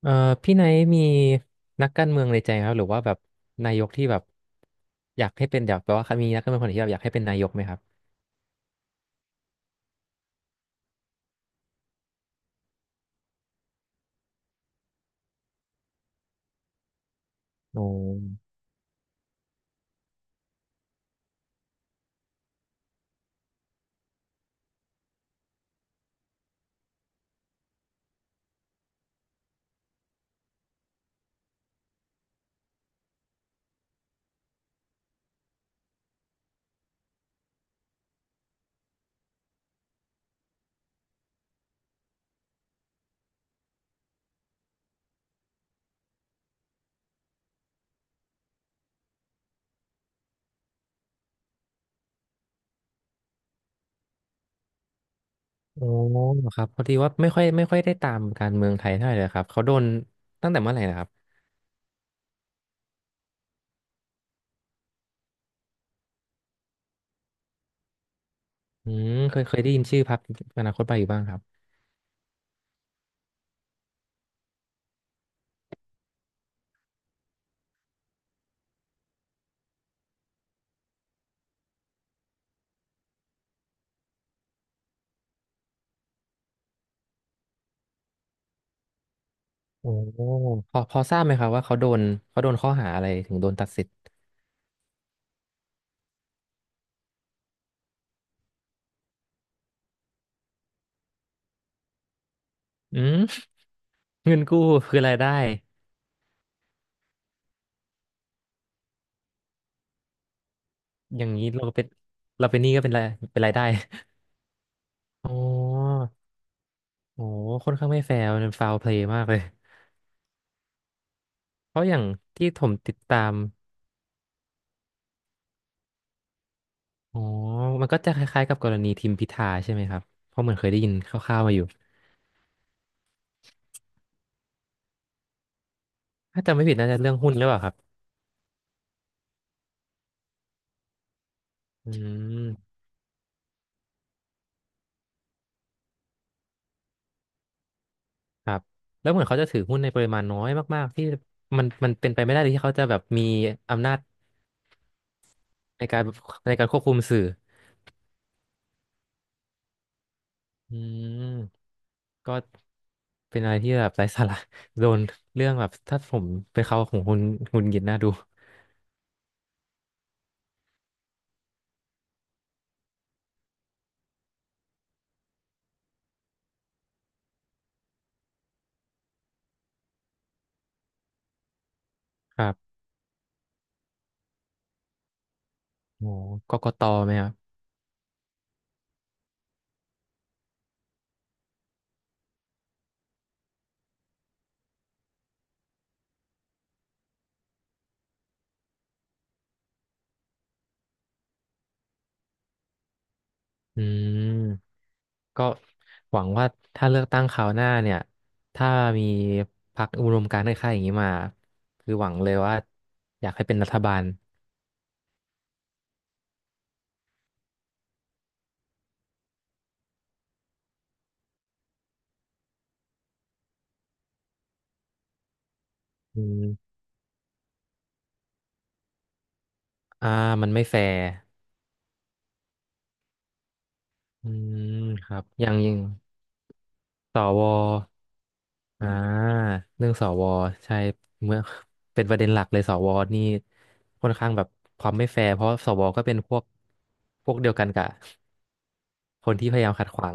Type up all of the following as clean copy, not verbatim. เอ่อพี่ไนท์มีนักการเมืองในใจไหมครับหรือว่าแบบนายกที่แบบอยากให้เป็นอยากแปลว่ามีนักการเมืองคนไหนที่แบบอยากให้เป็นนายกไหมครับโอ้โอ้ครับพอดีว่าไม่ค่อยได้ตามการเมืองไทยเท่าไหร่เลยครับเขาโดนตั้งแต่เมื่อไหร่นะครับอืมเคยได้ยินชื่อพรรคอนาคตใหม่อยู่บ้างครับโอ้พอทราบไหมครับว่าเขาโดนเขาโดนข้อหาอะไรถึงโดนตัดสิทธิ์อืม เงินกู้คือรายได้อย่างนี้เราเป็นหนี้ก็เป็นรายเป็นรายได้ อ๋อ โอ้ค่อนข้างไม่แฟร์มันฟาวเพลย์มากเลย เพราะอย่างที่ผมติดตามอ๋อมันก็จะคล้ายๆกับกรณีทิมพิธาใช่ไหมครับ เพราะเหมือนเคยได้ยินคร่าวๆมาอยู่ ถ้าจำไม่ผิดน่าจะเรื่องหุ้นหรือเปล่าครับ อืม ครับ แล้วเหมือนเขาจะถือหุ้นในปริมาณน้อยมากๆที่มันเป็นไปไม่ได้เลยที่เขาจะแบบมีอำนาจในการควบคุมสื่ออืมก็เป็นอะไรที่แบบไร้สาระโดนเรื่องแบบถ้าผมเป็นเขาของคุณคุณหงุดหงิดน่าดูครับโอ้กกตไหมครับอืม ก็หวังว่าถ้าเลือกตั้งคราวหน้าเนี่ยถ้ามีพรรคอุดมการณ์คล้ายๆอย่างนี้มาคือหวังเลยว่าอยากให้เป็นรัฐบาลอืมอ่ามันไม่แฟร์อืมครับอย่างยิงสวอ่าเรื่องสวใช่เมื่อเป็นประเด็นหลักเลยสวนี่ค่อนข้างแบบความไม่แฟร์เพราะสวก็เป็นพวกเดียวกันกับคนที่พยายามขัดขวาง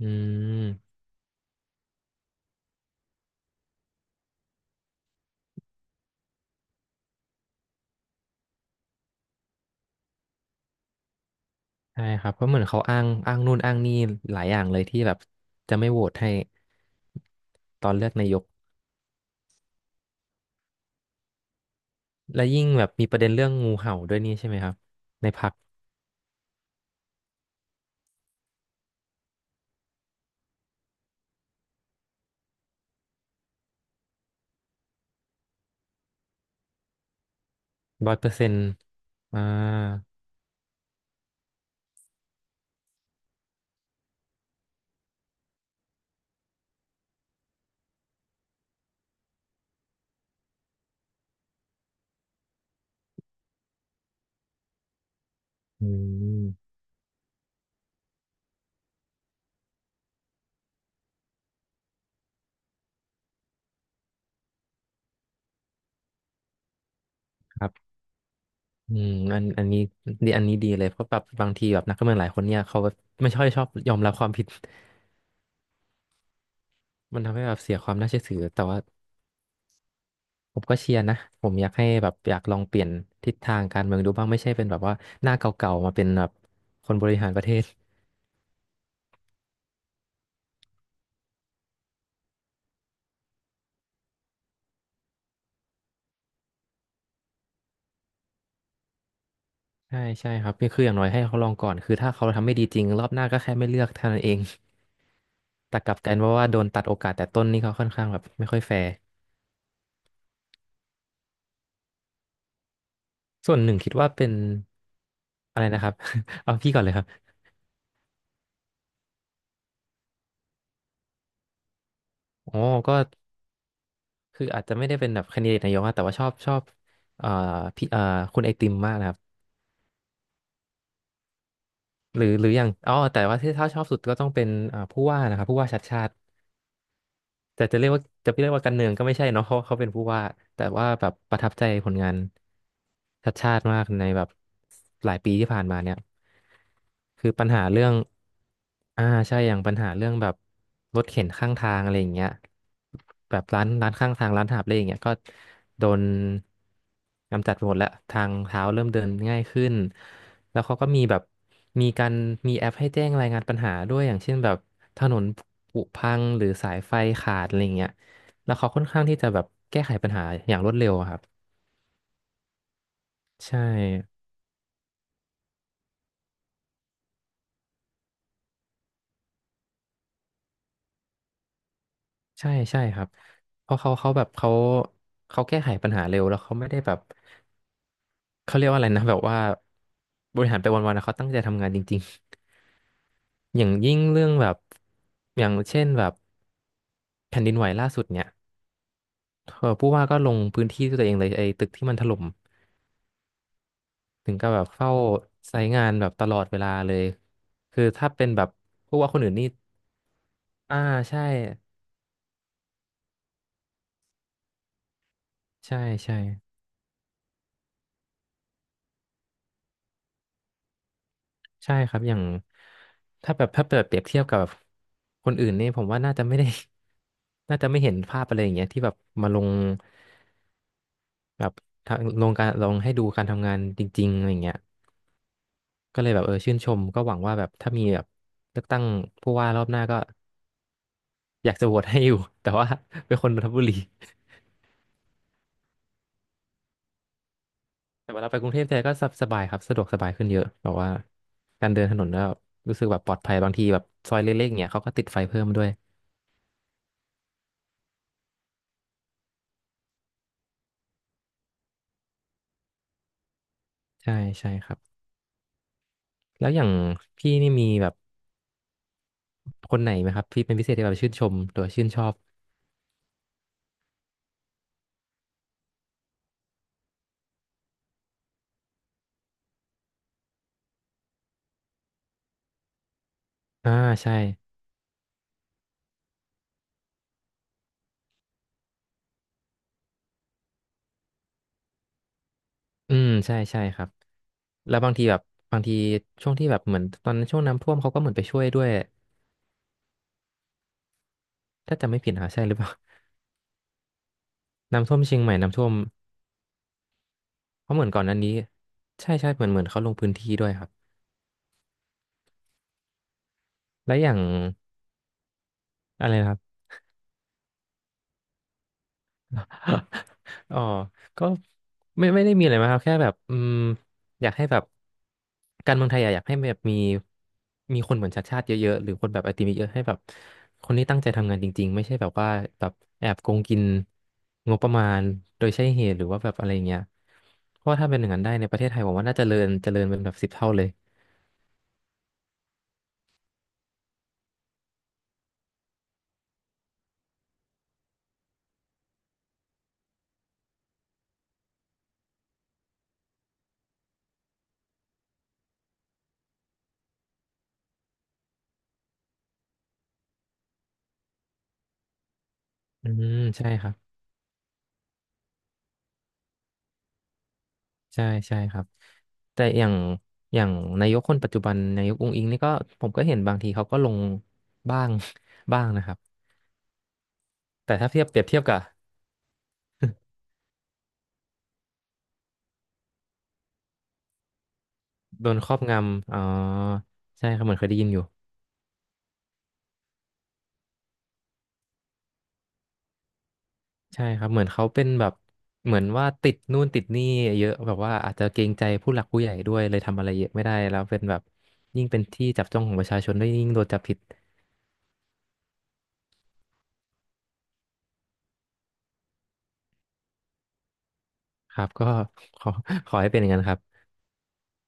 อืม ใช่ครับเพราะเหมือนเขาอ้างอ้างนู่นอ้างนี่หลายอย่างเลยที่แบบจะไม่โหวตให้ตอนเลือกนายกและยิ่งแบบมีประเด็นเรื่องงูเห่าด้วยนี่ใช่ไหมครับในพรรค100%อ่าอืมครับอืมอันนี้ดีอันนี้ดีเลยเพราะแบบบางทีแบบนักการเมืองหลายคนเนี่ยเขาไม่ค่อยชอบยอมรับความผิด มันทำให้แบบเสียความน่าเชื่อถือแต่ว่าผมก็เชียร์นะผมอยากให้แบบอยากลองเปลี่ยนทิศทางการเมืองดูบ้างไม่ใช่เป็นแบบว่าหน้าเก่าๆมาเป็นแบบคนบริหารประเทศ ใช่ใช่ครับนี่คืออย่างน้อยให้เขาลองก่อนคือถ้าเขาทำไม่ดีจริงรอบหน้าก็แค่ไม่เลือกเท่านั้นเอง แต่กลับกันว่าโดนตัดโอกาสแต่ต้นนี่เขาค่อนข้างแบบไม่ค่อยแฟร์ส่วนหนึ่งคิดว่าเป็นอะไรนะครับ เอาพี่ก่อนเลยครับอ๋อก็คืออาจจะไม่ได้เป็นแบบแคนดิเดตนายกอะแต่ว่าชอบชอบเอ่อพี่คุณไอติมมากนะครับหรือหรืออย่างอ๋อแต่ว่าที่ถ้าชอบสุดก็ต้องเป็นอ่าผู้ว่านะครับผู้ว่าชัดชาติ แต่จะเรียกว่าการเมืองก็ไม่ใช่เนาะเพราะเขาเป็นผู้ว่าแต่ว่าแบบประทับใจผลงานชัดชาติมากในแบบหลายปีที่ผ่านมาเนี่ยคือปัญหาเรื่องอ่าใช่อย่างปัญหาเรื่องแบบรถเข็นข้างทางอะไรอย่างเงี้ยแบบร้านข้างทางร้านหาบเร่อย่างเงี้ยก็โดนกำจัดไปหมดแล้วทางเท้าเริ่มเดินง่ายขึ้น แล้วเขาก็มีแบบมีการมีแอปให้แจ้งรายงานปัญหาด้วยอย่างเช่นแบบถนนผุพังหรือสายไฟขาดอะไรเงี้ยแล้วเขาค่อนข้างที่จะแบบแก้ไขปัญหาอย่างรวดเร็วอะครับใช่ใช่ใช่ครับเพราะเขาแก้ไขปัญหาเร็วแล้วเขาไม่ได้แบบเขาเรียกว่าอะไรนะแบบว่าบริหารไปวันๆนะเขาตั้งใจทำงานจริงๆ อย่างยิ่งเรื่องแบบอย่างเช่นแบบแผ่นดินไหวล่าสุดเนี่ยเออผู้ว่าก็ลงพื้นที่ด้วยตัวเองเลยไอ้ตึกที่มันถล่ม ถึงกับแบบเฝ้าไซต์งานแบบตลอดเวลาเลย คือถ้าเป็นแบบพวกว่าคนอื่นนี่อ่าใช่ใช่ ใช่ ใช่ครับ อย่างถ้าแบบถ้าเปรียบเทียบกับคนอื่นนี่ผมว่าน่าจะไม่ได้ น่าจะไม่เห็นภาพอะไรอย่างเงี้ยที่แบบมาลงแบบทางลงการลงให้ดูการทำงานจริงๆอะไรอย่างเงี้ยก็เลยแบบเออชื่นชมก็หวังว่าแบบถ้ามีแบบเลือกตั้งผู้ว่ารอบหน้าก็อยากจะโหวตให้อยู่ แต่ว่าเป็นคนนนทบุรี แต่เวลาไปกรุงเทพแท้ก็สบายครับสะดวกสบายขึ้นเยอะแบบว่าการเดินถนนแล้วรู้สึกแบบปลอดภัยบางทีแบบซอยเล็กๆเนี่ยเขาก็ติดไฟเพิ่มด้วยใช่ใช่ครับแล้วอย่างพี่นี่มีแบบคนไหนไหมครับที่เป็นพิเศษที่แบบชื่นชมหรือว่าชื่นชอบอ่าใช่อืมใช่ใช่ครับแล้วบางทีแบบบางทีช่วงที่แบบเหมือนตอนนั้นช่วงน้ำท่วมเขาก็เหมือนไปช่วยด้วยถ้าจำไม่ผิดนะใช่หรือเปล่า น้ำท่วมเชียงใหม่น้ำท่วมเพราะเหมือนก่อนหนั้นนี้ใช่ใช่เหมือนเขาลงพื้นที่ด้วยครับและอย่างอะไรนะครับ อ๋อก็ไม่ได้มีอะไรมากครับแค่แบบอยากให้แบบการเมืองไทยอะอยากให้แบบมีคนเหมือนชาติชาติเยอะๆหรือคนแบบไอติมเยอะๆให้แบบคนที่ตั้งใจทำงานจริงๆไม่ใช่แบบว่าแบบแอบโกงกินงบประมาณโดยใช่เหตุหรือว่าแบบอะไรเงี้ยเพราะว่าถ้าเป็นอย่างนั้นได้ในประเทศไทยผมว่าน่าจะเจริญเจริญเป็นแบบสิบเท่าเลยอืมใช่ครับ ใช่ใช่ครับแต่อย่างอย่างนายกคนปัจจุบันนายกอุ๊งอิ๊งนี่ก็ผมก็เห็นบางทีเขาก็ลงบ้าง บ้างนะครับแต่ถ้าเทียบเปรียบเทียบกับ โดนครอบงำอ๋อใช่ครับเหมือนเคยได้ยินอยู่ใช่ครับเหมือนเขาเป็นแบบเหมือนว่าติดนู่นติดนี่เยอะแบบว่าอาจจะเกรงใจผู้หลักผู้ใหญ่ด้วยเลยทำอะไรเยอะไม่ได้แล้วเป็นแบบยิ่งเป็นที่จับจ้องของประชาชนด้วยยิ่งโดนจับผิดครับก็ ขอขอให้เป็นอย่างนั้นครับ